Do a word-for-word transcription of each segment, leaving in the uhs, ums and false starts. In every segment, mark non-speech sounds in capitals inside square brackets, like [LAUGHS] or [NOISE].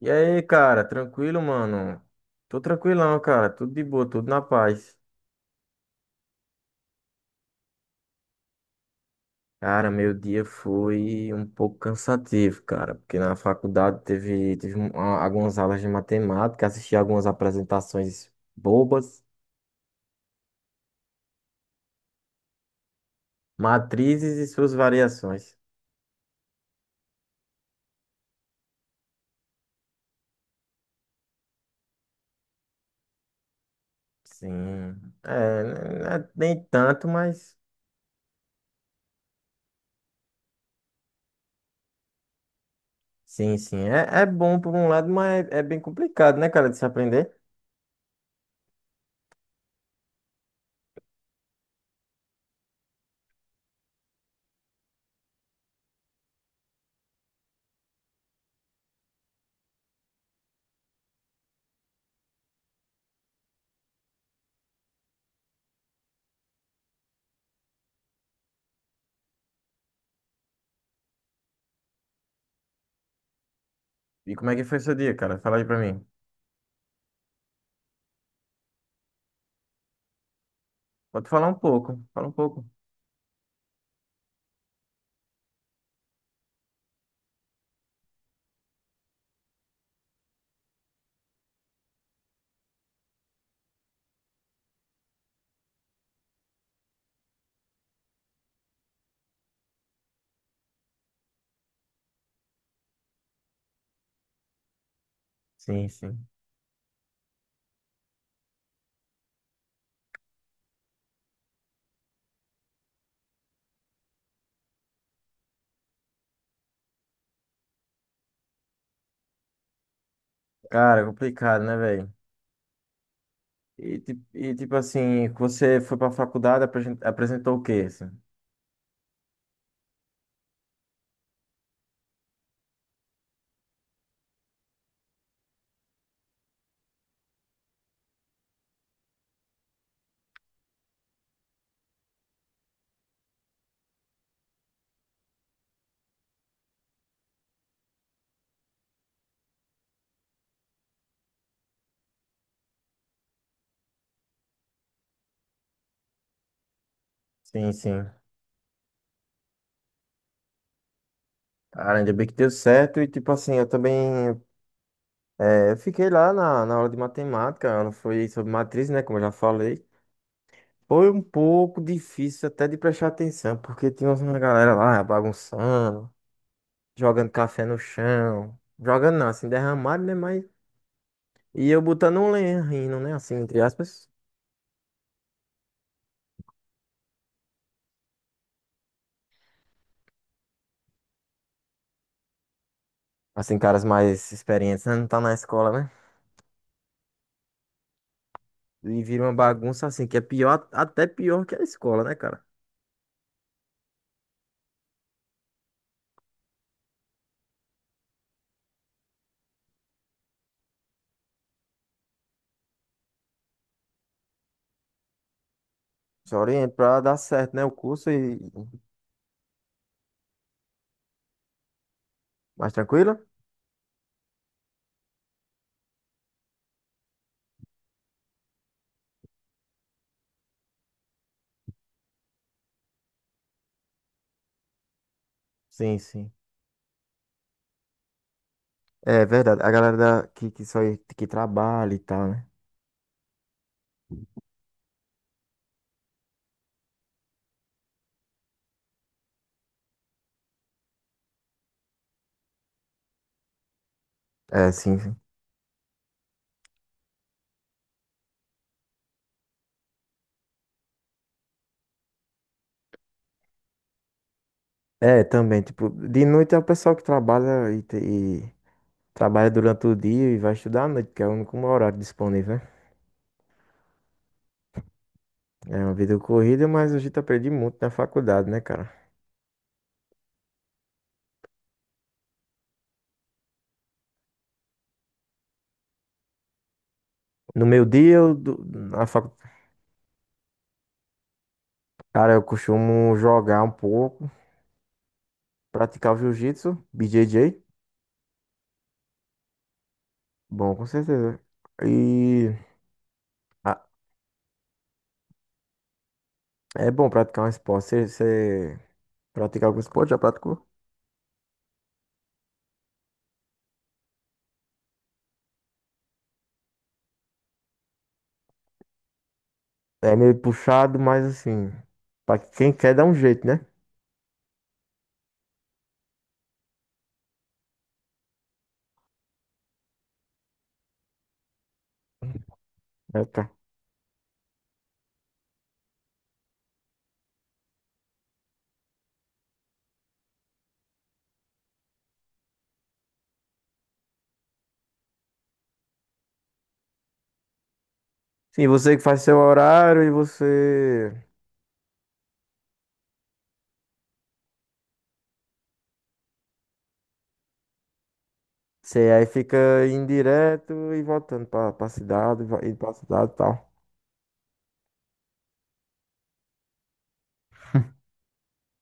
E aí, cara, tranquilo, mano? Tô tranquilão, cara, tudo de boa, tudo na paz. Cara, meu dia foi um pouco cansativo, cara, porque na faculdade teve, teve um- a- algumas aulas de matemática, assisti algumas apresentações bobas, matrizes e suas variações. Sim, é, né, né, nem tanto, mas sim, sim. É, é bom por um lado, mas é bem complicado, né, cara, de se aprender. E como é que foi seu dia, cara? Fala aí pra mim. Pode falar um pouco, fala um pouco. Sim, sim. Cara, complicado, né, velho? E, ti- e tipo assim, você foi pra faculdade, apresen- apresentou o quê, assim? Sim, sim. Cara, ainda bem que deu certo. E tipo assim, eu também, é, eu fiquei lá na, na aula de matemática. Ela foi sobre matriz, né? Como eu já falei. Foi um pouco difícil até de prestar atenção, porque tinha uma galera lá bagunçando, jogando café no chão. Jogando não, assim, derramado, né? Mas. E eu botando um lenha rindo, né? Assim, entre aspas. Assim, caras mais experientes, né? Não tá na escola, né? E vira uma bagunça assim, que é pior, até pior que a escola, né, cara? Só oriento pra dar certo, né? O curso e mais tranquilo. Sim, sim. É verdade. A galera da- que, que só que trabalha e tal, né? É, sim, sim. É, também, tipo, de noite é o pessoal que trabalha e, te- e trabalha durante o dia e vai estudar à noite, que é o único horário disponível, né? É uma vida corrida, mas a gente aprende muito na faculdade, né, cara? No meu dia, eu, do- na facu... cara, eu costumo jogar um pouco. Praticar o jiu-jitsu, B J J, bom, com certeza. E ah, é bom praticar um esporte. Você, você pratica algum esporte? Já praticou? É meio puxado, mas assim, pra quem quer dá um jeito, né? É, tá. Sim, você que faz seu horário e você, você aí fica indo direto e voltando pra, pra cidade, vai- indo pra cidade e tal.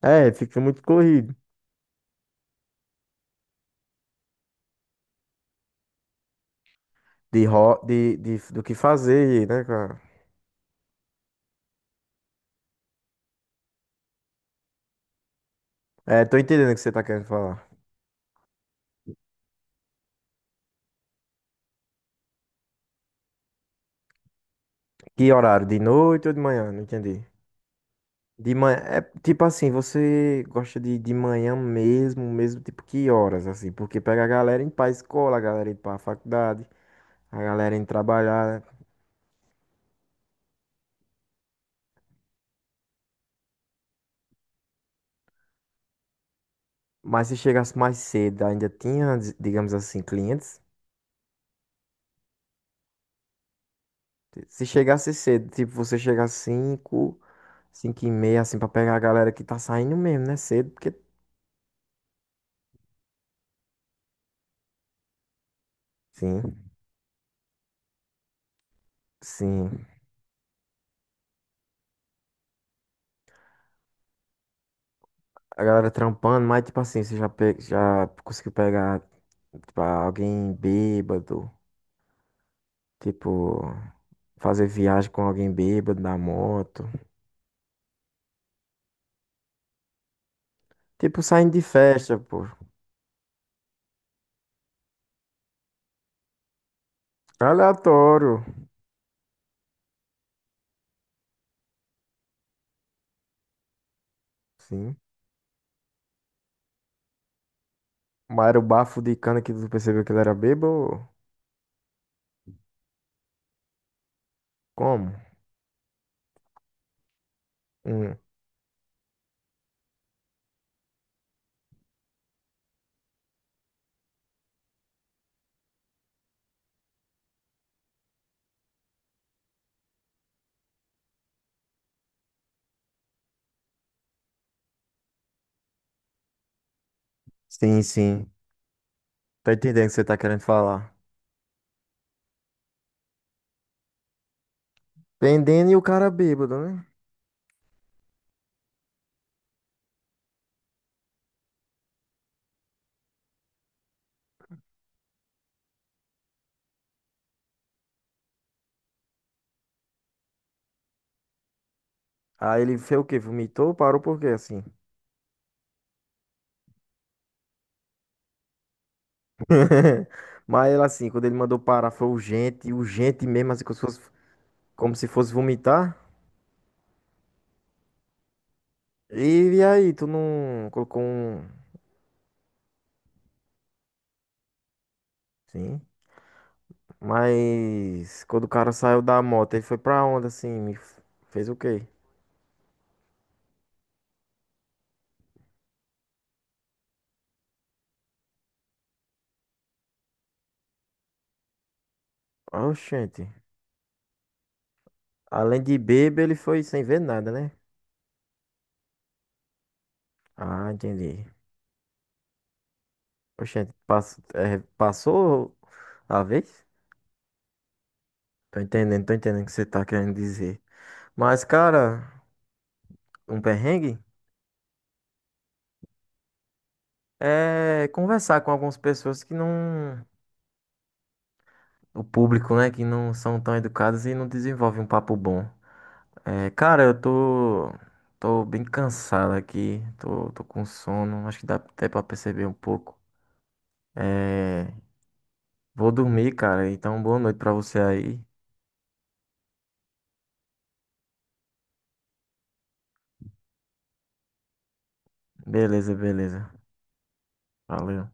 É, fica muito corrido de, ro de, de, do que fazer, né, cara? É, tô entendendo o que você tá querendo falar. Que horário? De noite ou de manhã? Não entendi. De manhã, é tipo assim, você gosta de, de manhã mesmo, mesmo tipo que horas, assim, porque pega a galera indo pra escola, a galera indo pra faculdade, a galera indo trabalhar, né? Mas se chegasse mais cedo, ainda tinha, di- digamos assim, clientes. Se chegasse cedo, tipo, você chega às cinco 5 e meia, assim, pra pegar a galera que tá saindo mesmo, né, cedo, porque, sim, sim, a galera trampando. Mas tipo assim, você já, pe... já conseguiu pegar, tipo, alguém bêbado? Tipo, fazer viagem com alguém bêbado na moto. Tipo, saindo de festa, pô. Aleatório. Sim. Mas era o bafo de cana que tu percebeu que ele era bêbado? Como? Hum. Sim, sim. Tô entendendo o que você tá querendo falar. Pendendo e o cara bêbado, né? Aí ele fez o quê? Vomitou? Parou por quê, assim? [LAUGHS] Mas ele, assim, quando ele mandou parar, foi urgente, urgente mesmo, assim, como se fosse, como se fosse vomitar. E, e aí, tu não colocou um... Sim. Mas quando o cara saiu da moto, ele foi pra onde assim? Me f- fez o quê? Oxente. Além de bêbado, ele foi sem ver nada, né? Ah, entendi. Oxente, pass- é, passou a vez? Tô entendendo, tô entendendo o que você tá querendo dizer. Mas, cara, um perrengue é conversar com algumas pessoas que não. O público, né? Que não são tão educadas e não desenvolve um papo bom. É, cara, eu tô, tô bem cansado aqui, tô, tô com sono, acho que dá até pra perceber um pouco. É, vou dormir, cara, então boa noite pra você aí. Beleza, beleza. Valeu.